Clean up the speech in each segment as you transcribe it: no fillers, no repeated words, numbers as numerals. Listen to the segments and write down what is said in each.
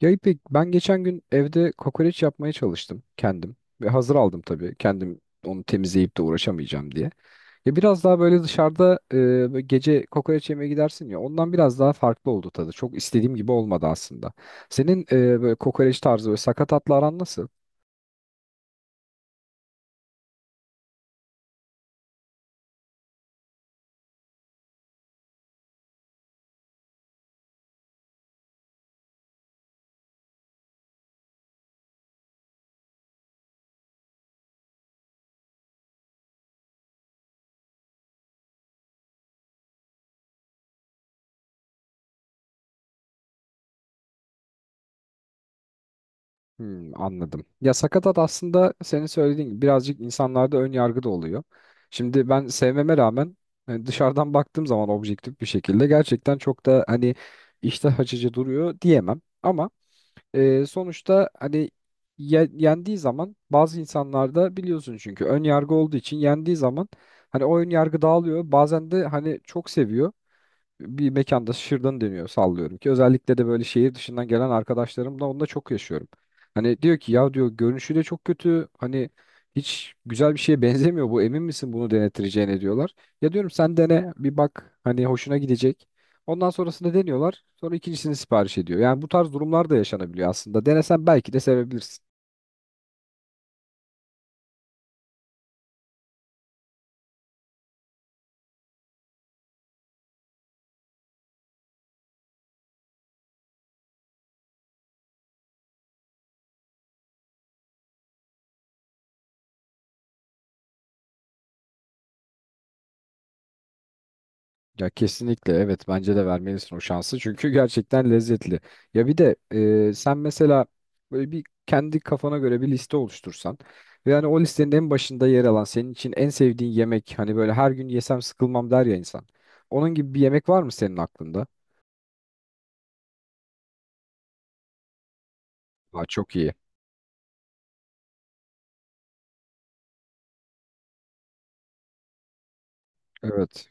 Ya İpek, ben geçen gün evde kokoreç yapmaya çalıştım kendim. Ve hazır aldım tabii. Kendim onu temizleyip de uğraşamayacağım diye. Ya biraz daha böyle dışarıda böyle gece kokoreç yemeye gidersin ya ondan biraz daha farklı oldu tadı. Çok istediğim gibi olmadı aslında. Senin böyle kokoreç tarzı böyle sakatatla aran nasıl? Hmm, anladım. Ya sakatat aslında senin söylediğin gibi birazcık insanlarda ön yargı da oluyor. Şimdi ben sevmeme rağmen hani dışarıdan baktığım zaman objektif bir şekilde gerçekten çok da hani iştah açıcı duruyor diyemem. Ama sonuçta hani yendiği zaman bazı insanlarda biliyorsun çünkü ön yargı olduğu için yendiği zaman hani o ön yargı dağılıyor. Bazen de hani çok seviyor bir mekanda şırdan deniyor sallıyorum ki özellikle de böyle şehir dışından gelen arkadaşlarımla onunla çok yaşıyorum. Hani diyor ki ya diyor görünüşü de çok kötü hani hiç güzel bir şeye benzemiyor bu emin misin bunu denetireceğine diyorlar. Ya diyorum sen dene bir bak hani hoşuna gidecek. Ondan sonrasında deniyorlar sonra ikincisini sipariş ediyor. Yani bu tarz durumlar da yaşanabiliyor aslında denesen belki de sevebilirsin. Ya kesinlikle evet bence de vermelisin o şansı çünkü gerçekten lezzetli. Ya bir de sen mesela böyle bir kendi kafana göre bir liste oluştursan ve yani o listenin en başında yer alan senin için en sevdiğin yemek hani böyle her gün yesem sıkılmam der ya insan. Onun gibi bir yemek var mı senin aklında? Aa, çok iyi. Evet.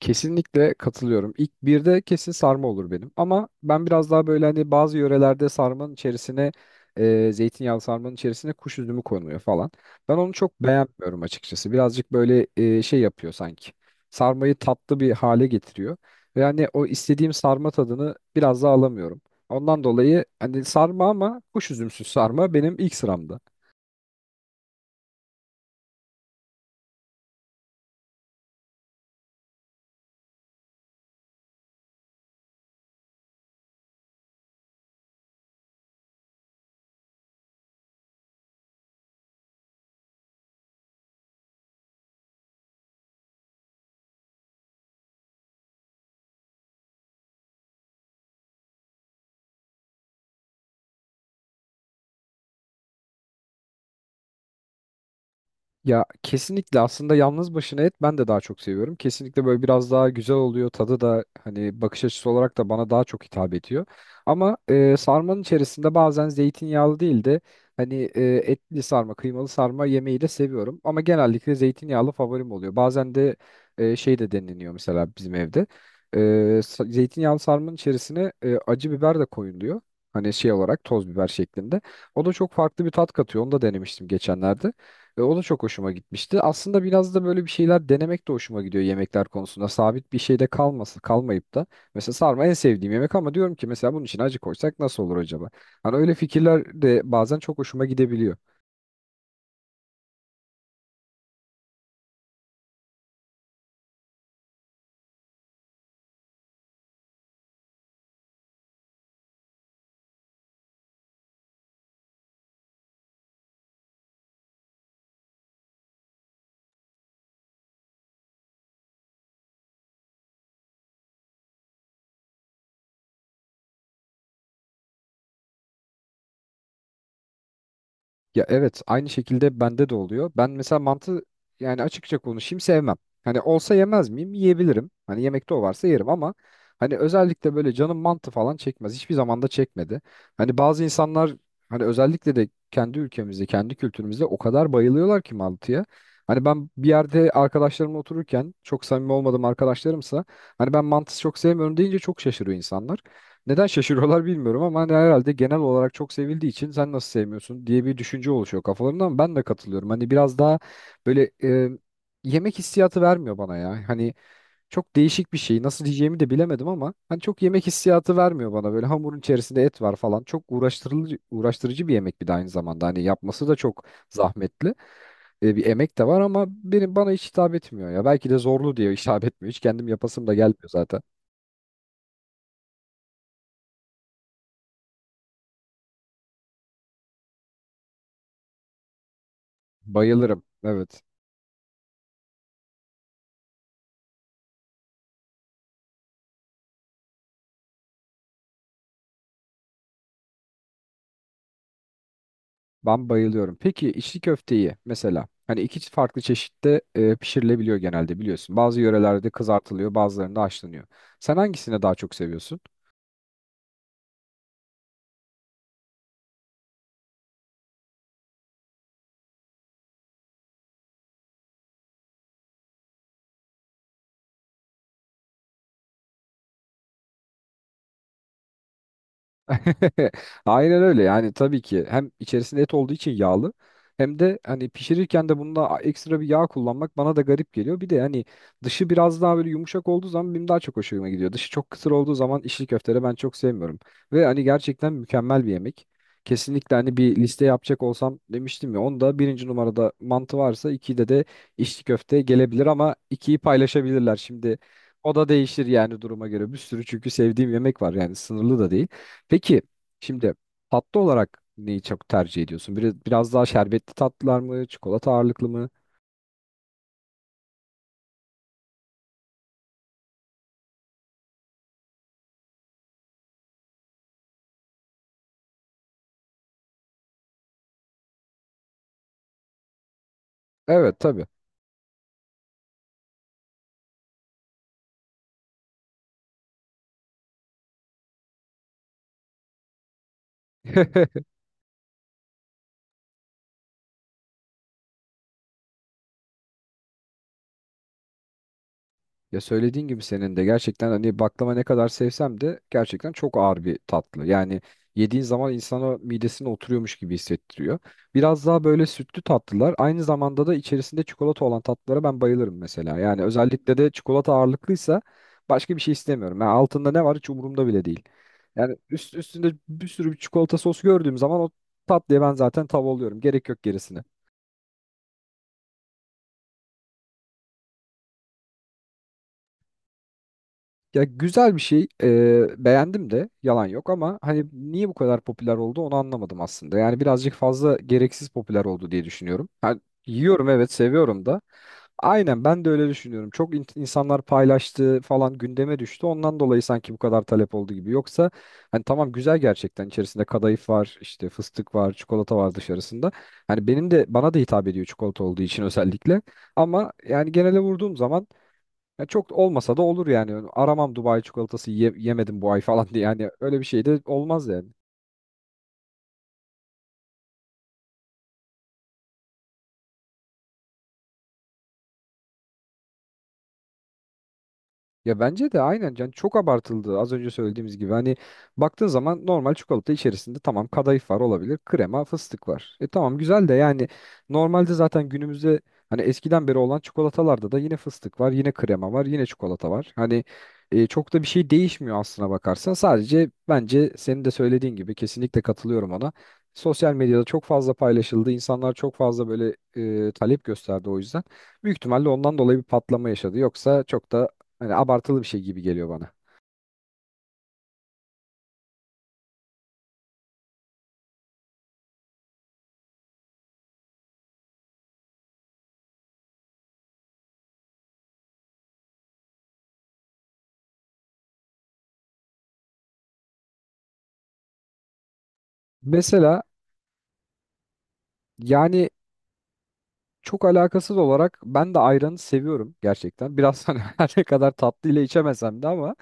Kesinlikle katılıyorum. İlk birde kesin sarma olur benim. Ama ben biraz daha böyle hani bazı yörelerde sarmanın içerisine zeytinyağlı sarmanın içerisine kuş üzümü konuyor falan. Ben onu çok beğenmiyorum açıkçası. Birazcık böyle şey yapıyor sanki. Sarmayı tatlı bir hale getiriyor. Ve hani o istediğim sarma tadını biraz daha alamıyorum. Ondan dolayı hani sarma ama kuş üzümsüz sarma benim ilk sıramda. Ya kesinlikle aslında yalnız başına et ben de daha çok seviyorum. Kesinlikle böyle biraz daha güzel oluyor. Tadı da hani bakış açısı olarak da bana daha çok hitap ediyor. Ama sarmanın içerisinde bazen zeytinyağlı değil de hani etli sarma, kıymalı sarma yemeği de seviyorum. Ama genellikle zeytinyağlı favorim oluyor. Bazen de şey de deniliyor mesela bizim evde. E, zeytinyağlı sarmanın içerisine acı biber de koyuluyor. Hani şey olarak toz biber şeklinde. O da çok farklı bir tat katıyor. Onu da denemiştim geçenlerde. Ve o da çok hoşuma gitmişti. Aslında biraz da böyle bir şeyler denemek de hoşuma gidiyor yemekler konusunda. Sabit bir şeyde kalması, kalmayıp da. Mesela sarma en sevdiğim yemek ama diyorum ki mesela bunun için acı koysak nasıl olur acaba? Hani öyle fikirler de bazen çok hoşuma gidebiliyor. Ya evet aynı şekilde bende de oluyor. Ben mesela mantı yani açıkça konuşayım sevmem. Hani olsa yemez miyim? Yiyebilirim. Hani yemekte o varsa yerim ama hani özellikle böyle canım mantı falan çekmez. Hiçbir zaman da çekmedi. Hani bazı insanlar hani özellikle de kendi ülkemizde, kendi kültürümüzde o kadar bayılıyorlar ki mantıya. Hani ben bir yerde arkadaşlarımla otururken çok samimi olmadığım arkadaşlarımsa hani ben mantısı çok sevmiyorum deyince çok şaşırıyor insanlar. Neden şaşırıyorlar bilmiyorum ama hani herhalde genel olarak çok sevildiği için sen nasıl sevmiyorsun diye bir düşünce oluşuyor kafalarında ama ben de katılıyorum. Hani biraz daha böyle yemek hissiyatı vermiyor bana ya. Hani çok değişik bir şey nasıl diyeceğimi de bilemedim ama hani çok yemek hissiyatı vermiyor bana. Böyle hamurun içerisinde et var falan çok uğraştırıcı bir yemek bir de aynı zamanda. Hani yapması da çok zahmetli. Bir emek de var ama benim bana hiç hitap etmiyor ya. Belki de zorlu diye hitap etmiyor hiç kendim yapasım da gelmiyor zaten. Bayılırım evet. Ben bayılıyorum. Peki içli köfteyi mesela hani iki farklı çeşitte pişirilebiliyor genelde biliyorsun. Bazı yörelerde kızartılıyor, bazılarında haşlanıyor. Sen hangisini daha çok seviyorsun? Aynen öyle yani tabii ki hem içerisinde et olduğu için yağlı hem de hani pişirirken de bunda ekstra bir yağ kullanmak bana da garip geliyor. Bir de hani dışı biraz daha böyle yumuşak olduğu zaman benim daha çok hoşuma gidiyor. Dışı çok kısır olduğu zaman içli köfteleri ben çok sevmiyorum. Ve hani gerçekten mükemmel bir yemek. Kesinlikle hani bir liste yapacak olsam demiştim ya onda birinci numarada mantı varsa ikide de içli köfte gelebilir ama ikiyi paylaşabilirler. Şimdi o da değişir yani duruma göre bir sürü çünkü sevdiğim yemek var yani sınırlı da değil. Peki şimdi tatlı olarak neyi çok tercih ediyorsun? Biraz daha şerbetli tatlılar mı, çikolata ağırlıklı mı? Evet tabii. Ya söylediğin gibi senin de gerçekten hani baklava ne kadar sevsem de gerçekten çok ağır bir tatlı. Yani yediğin zaman insana midesine oturuyormuş gibi hissettiriyor. Biraz daha böyle sütlü tatlılar aynı zamanda da içerisinde çikolata olan tatlılara ben bayılırım mesela. Yani özellikle de çikolata ağırlıklıysa başka bir şey istemiyorum. Yani altında ne var hiç umurumda bile değil. Yani üstünde bir sürü bir çikolata sos gördüğüm zaman o tatlıya ben zaten tav oluyorum. Gerek yok gerisine. Ya güzel bir şey. Beğendim de yalan yok ama hani niye bu kadar popüler oldu onu anlamadım aslında. Yani birazcık fazla gereksiz popüler oldu diye düşünüyorum. Ha, yiyorum evet seviyorum da. Aynen ben de öyle düşünüyorum. Çok insanlar paylaştı falan gündeme düştü. Ondan dolayı sanki bu kadar talep oldu gibi. Yoksa hani tamam güzel gerçekten içerisinde kadayıf var, işte fıstık var, çikolata var dışarısında. Hani benim de bana da hitap ediyor çikolata olduğu için özellikle. Ama yani genele vurduğum zaman ya çok olmasa da olur yani. Aramam Dubai çikolatası yemedim bu ay falan diye. Yani öyle bir şey de olmaz yani. Ya bence de aynen can çok abartıldı az önce söylediğimiz gibi hani baktığın zaman normal çikolata içerisinde tamam kadayıf var olabilir krema fıstık var. E tamam güzel de yani normalde zaten günümüzde hani eskiden beri olan çikolatalarda da yine fıstık var yine krema var yine çikolata var. Hani çok da bir şey değişmiyor aslına bakarsan sadece bence senin de söylediğin gibi kesinlikle katılıyorum ona. Sosyal medyada çok fazla paylaşıldı insanlar çok fazla böyle talep gösterdi o yüzden. Büyük ihtimalle ondan dolayı bir patlama yaşadı. Yoksa çok da hani abartılı bir şey gibi geliyor bana. Mesela yani çok alakasız olarak ben de ayranı seviyorum gerçekten. Biraz hani her ne kadar tatlı ile içemesem de ama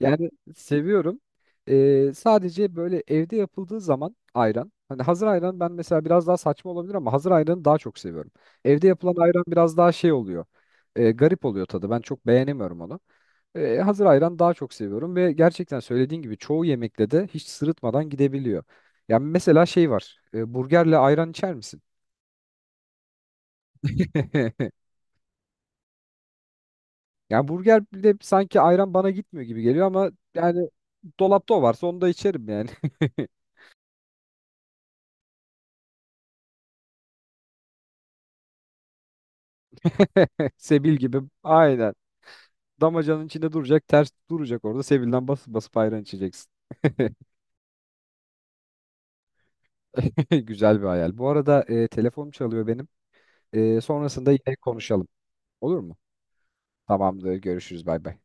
yani seviyorum. Sadece böyle evde yapıldığı zaman ayran. Hani hazır ayran ben mesela biraz daha saçma olabilir ama hazır ayranı daha çok seviyorum. Evde yapılan ayran biraz daha şey oluyor. Garip oluyor tadı. Ben çok beğenemiyorum onu. Hazır ayran daha çok seviyorum ve gerçekten söylediğin gibi çoğu yemekle de hiç sırıtmadan gidebiliyor. Yani mesela şey var. Burgerle ayran içer misin? Yani burgerle sanki ayran bana gitmiyor gibi geliyor ama yani dolapta o varsa onu da içerim yani. Sebil gibi aynen. Damacanın içinde duracak, ters duracak orada. Sebil'den basıp basıp ayran içeceksin. Güzel bir hayal. Bu arada telefonum çalıyor benim. Sonrasında yine konuşalım. Olur mu? Tamamdır. Görüşürüz. Bay bay.